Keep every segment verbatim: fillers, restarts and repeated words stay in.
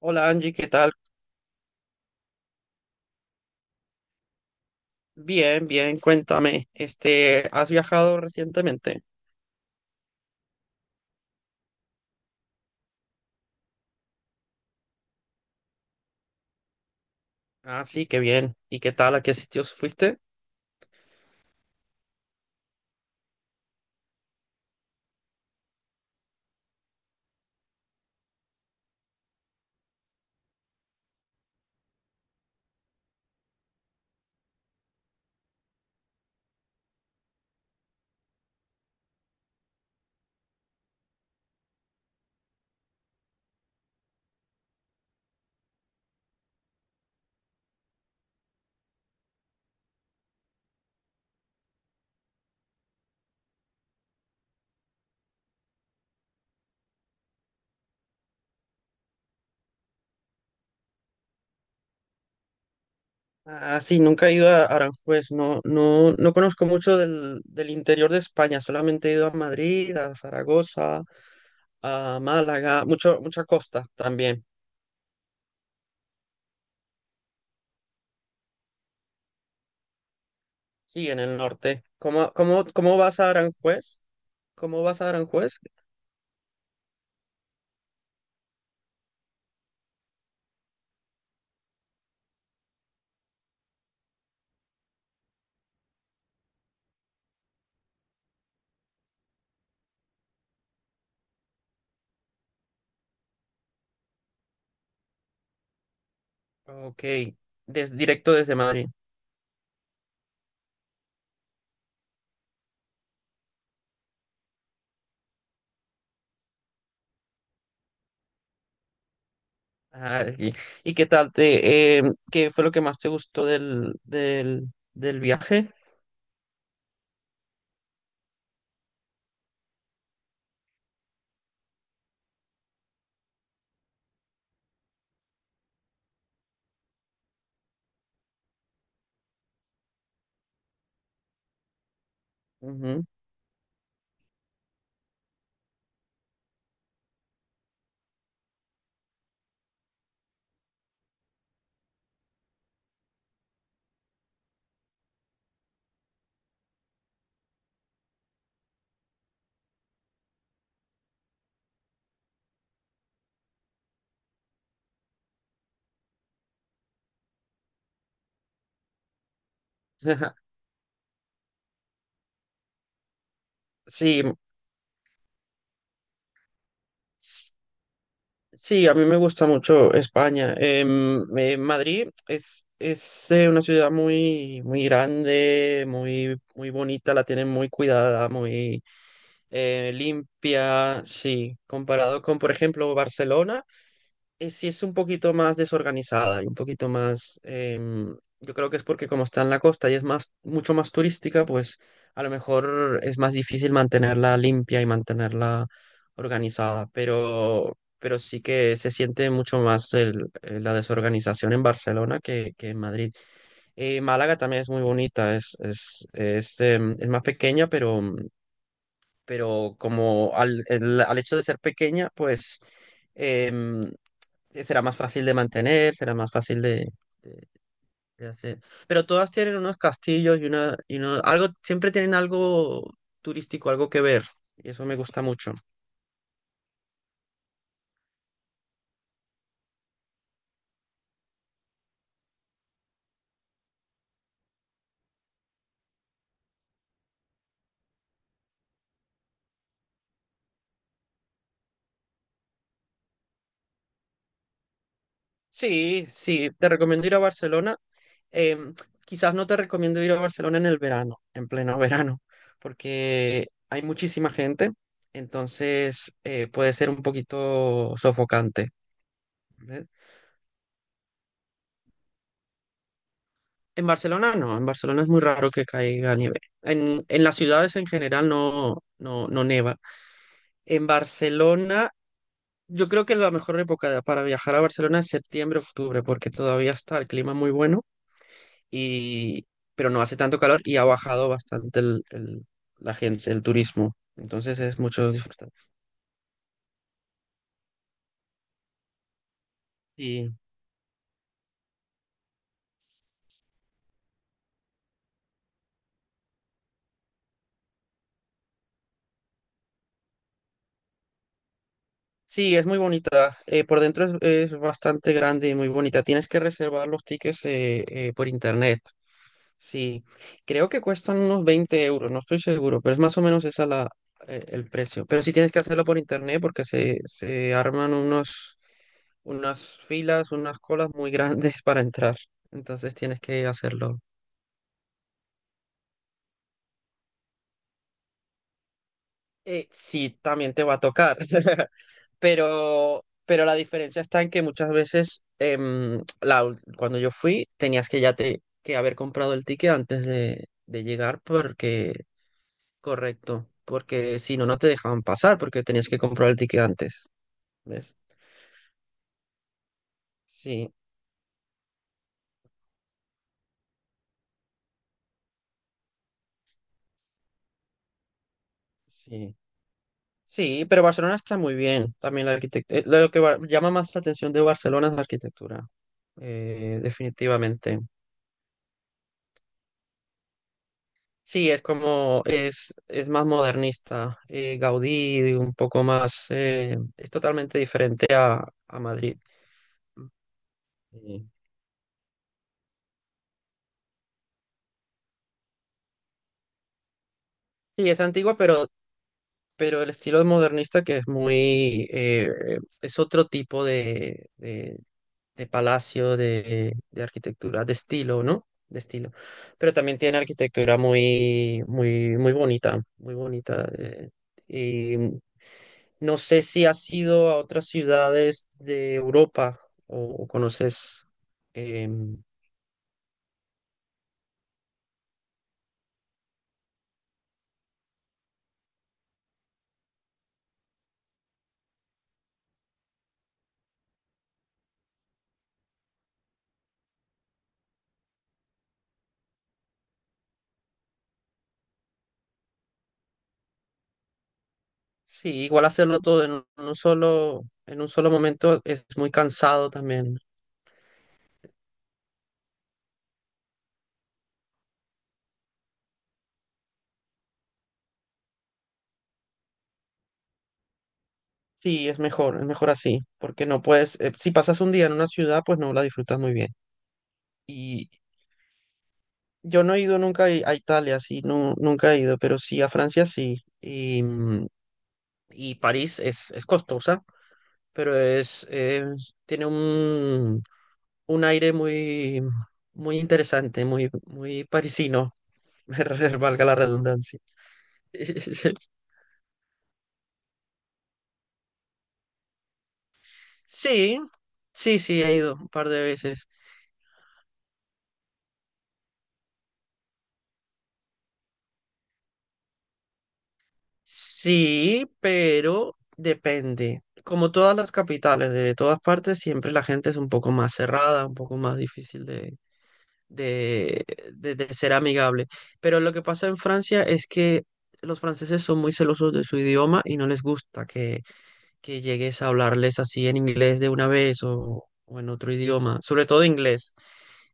Hola Angie, ¿qué tal? Bien, bien, cuéntame, este, ¿has viajado recientemente? Ah, sí, qué bien. ¿Y qué tal? ¿A qué sitios fuiste? Ah, sí, nunca he ido a Aranjuez, no, no, no conozco mucho del, del interior de España, solamente he ido a Madrid, a Zaragoza, a Málaga, mucho, mucha costa también, sí, en el norte. ¿Cómo, cómo, cómo vas a Aranjuez? ¿Cómo vas a Aranjuez? Ok, des- directo desde Madrid. Ah, ¿y, y qué tal te, em, qué fue lo que más te gustó del, del, del viaje? Ujú. Sí, s- sí, a mí me gusta mucho España. Em, eh, Madrid es, es eh, una ciudad muy, muy grande, muy, muy bonita, la tienen muy cuidada, muy eh, limpia, sí, comparado con, por ejemplo, Barcelona. eh, sí es un poquito más desorganizada y un poquito más, em, yo creo que es porque como está en la costa y es más, mucho más turística, pues a lo mejor es más difícil mantenerla limpia y mantenerla organizada, pero, pero sí que se siente mucho más el- eh, la desorganización en Barcelona que, que en Madrid. Eh, Málaga también es muy bonita, es, es, es, em, es más pequeña, pero pero como al, el- al hecho de ser pequeña, pues em, será más fácil de mantener, será más fácil de, de- de hacer. Pero todas tienen unos castillos y una, y uno- algo, siempre tienen algo turístico, algo que ver, y eso me gusta mucho. Sí, sí, te recomiendo ir a Barcelona. Em, quizás no te recomiendo ir a Barcelona en el verano, en pleno verano, porque hay muchísima gente, entonces eh, puede ser un poquito sofocante. ¿Eh? En Barcelona no, en Barcelona es muy raro que caiga nieve. En, en las ciudades en general no, no, no neva. En Barcelona, yo creo que la mejor época para viajar a Barcelona es septiembre, octubre, porque todavía está el clima muy bueno, y, pero no hace tanto calor y ha bajado bastante el, el- la gente, el turismo. Entonces es mucho disfrutar. Sí, sí, es muy bonita. Eh, por dentro es, es bastante grande y muy bonita. Tienes que reservar los tickets eh, eh, por internet. Sí, creo que cuestan unos veinte euros, no estoy seguro, pero es más o menos esa la, eh, el precio. Pero sí tienes que hacerlo por internet porque se, se arman unos, unas filas, unas colas muy grandes para entrar. Entonces tienes que hacerlo. Eh, sí, también te va a tocar, pero, pero la diferencia está en que muchas veces em, la ul- cuando yo fui tenías que ya te, que haber comprado el ticket antes de, de llegar porque correcto, porque si no, no te dejaban pasar porque tenías que comprar el ticket antes, ¿ves? Sí, sí. Sí, pero Barcelona está muy bien. También la arquitectura, lo que va- llama más la atención de Barcelona es la arquitectura, eh, definitivamente. Sí, es como, es, es más modernista. eh, Gaudí, un poco más, eh, es totalmente diferente a, a Madrid. Sí, sí, es antigua, pero pero el estilo modernista que es muy, eh, eh, es otro tipo de, de, de palacio, de, de arquitectura, de estilo, ¿no? De estilo. Pero también tiene arquitectura muy, muy, muy bonita, muy bonita. eh, y no sé si has ido a otras ciudades de Europa o, o conoces. em, sí, igual hacerlo todo en un solo, en un solo momento es muy cansado también. Sí, es mejor, es mejor así, porque no puedes, eh, si pasas un día en una ciudad, pues no la disfrutas muy bien. Yo no he ido nunca i- a Italia, sí, no, nunca he ido, pero sí a Francia sí. Y, mm, y París es, es costosa, pero es, es- tiene un, un aire muy, muy interesante, muy, muy parisino, valga la redundancia. Sí, sí, sí, he ido un par de veces. Sí, pero depende. Como todas las capitales de todas partes, siempre la gente es un poco más cerrada, un poco más difícil de, de, de- de ser amigable. Pero lo que pasa en Francia es que los franceses son muy celosos de su idioma y no les gusta que llegues a hablarles así en inglés de una vez o, o en otro idioma, sobre todo inglés.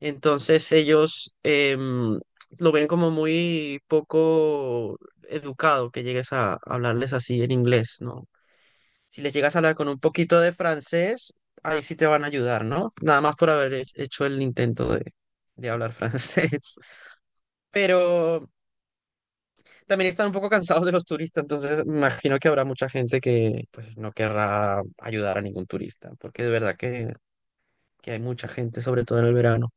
Entonces ellos em, lo ven como muy poco educado que llegues a hablarles así en inglés, ¿no? Si les llegas a hablar con un poquito de francés, ahí sí te van a ayudar, ¿no? Nada más por haber he- hecho el intento de, de hablar francés. Pero también están un poco cansados de los turistas, entonces me imagino que habrá mucha gente que pues no querrá ayudar a ningún turista, porque de verdad que, que hay mucha gente, sobre todo en el verano.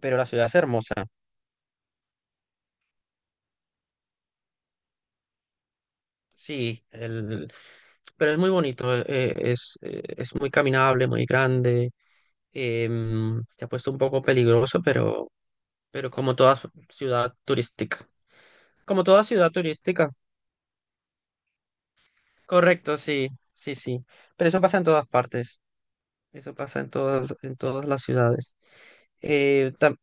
Pero la ciudad es hermosa, sí, el, pero es muy bonito, eh, es, eh, es muy caminable, muy grande, em, se ha puesto un poco peligroso, pero, pero como toda ciudad turística. Como toda ciudad turística, correcto, sí, sí, sí. Pero eso pasa en todas partes, eso pasa en todas, en todas las ciudades. Eh, tam-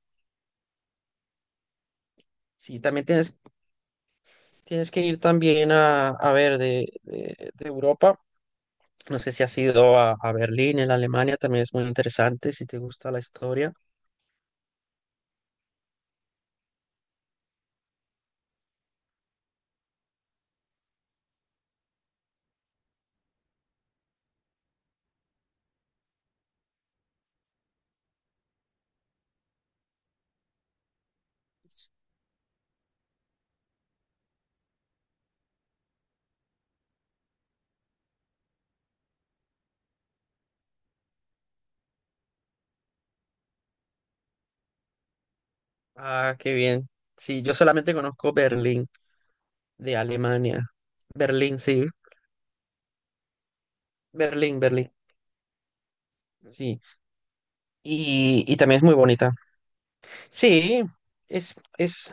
sí, también tienes, tienes que ir también a, a ver de, de- de Europa. No sé si has ido a, a Berlín, en Alemania, también es muy interesante si te gusta la historia. Ah, qué bien. Sí, yo solamente conozco Berlín de Alemania. Berlín, sí. Berlín, Berlín. Sí. Y, y también es muy bonita. Sí, es, es,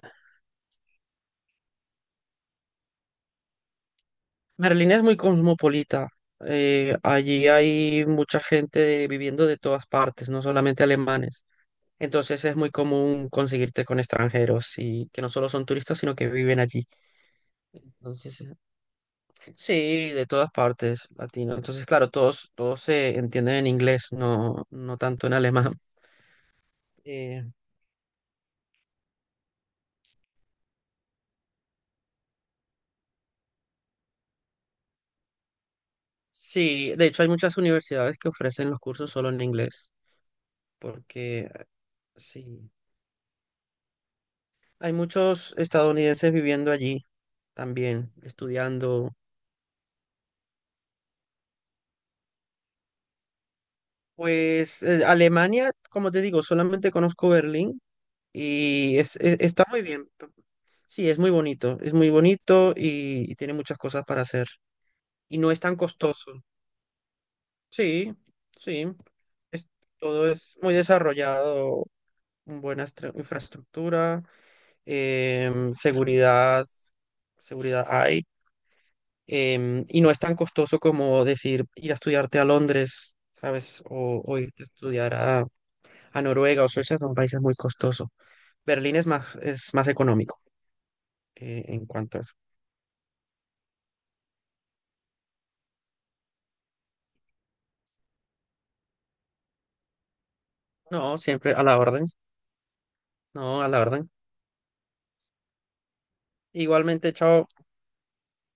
Berlín es muy cosmopolita. Eh, allí hay mucha gente viviendo de todas partes, no solamente alemanes. Entonces es muy común conseguirte con extranjeros y que no solo son turistas, sino que viven allí. Entonces, eh, sí, de todas partes, latino. Entonces, claro, todos, todos se entienden en inglés, no, no tanto en alemán. Eh, sí, de hecho hay muchas universidades que ofrecen los cursos solo en inglés, porque eh, sí, hay muchos estadounidenses viviendo allí también, estudiando. Pues eh, Alemania, como te digo, solamente conozco Berlín y es, e- está muy bien. Sí, es muy bonito, es muy bonito y, y tiene muchas cosas para hacer. Y no es tan costoso. Sí, sí, es- todo es muy desarrollado, buena estra- infraestructura, em, seguridad, seguridad hay. em, y no es tan costoso como decir ir a estudiarte a Londres, ¿sabes? O, o irte a estudiar a, a Noruega o Suecia, son países muy costosos. Berlín es más, es más económico eh, en cuanto a eso. No, siempre a la orden. No, a la orden. Igualmente, chao.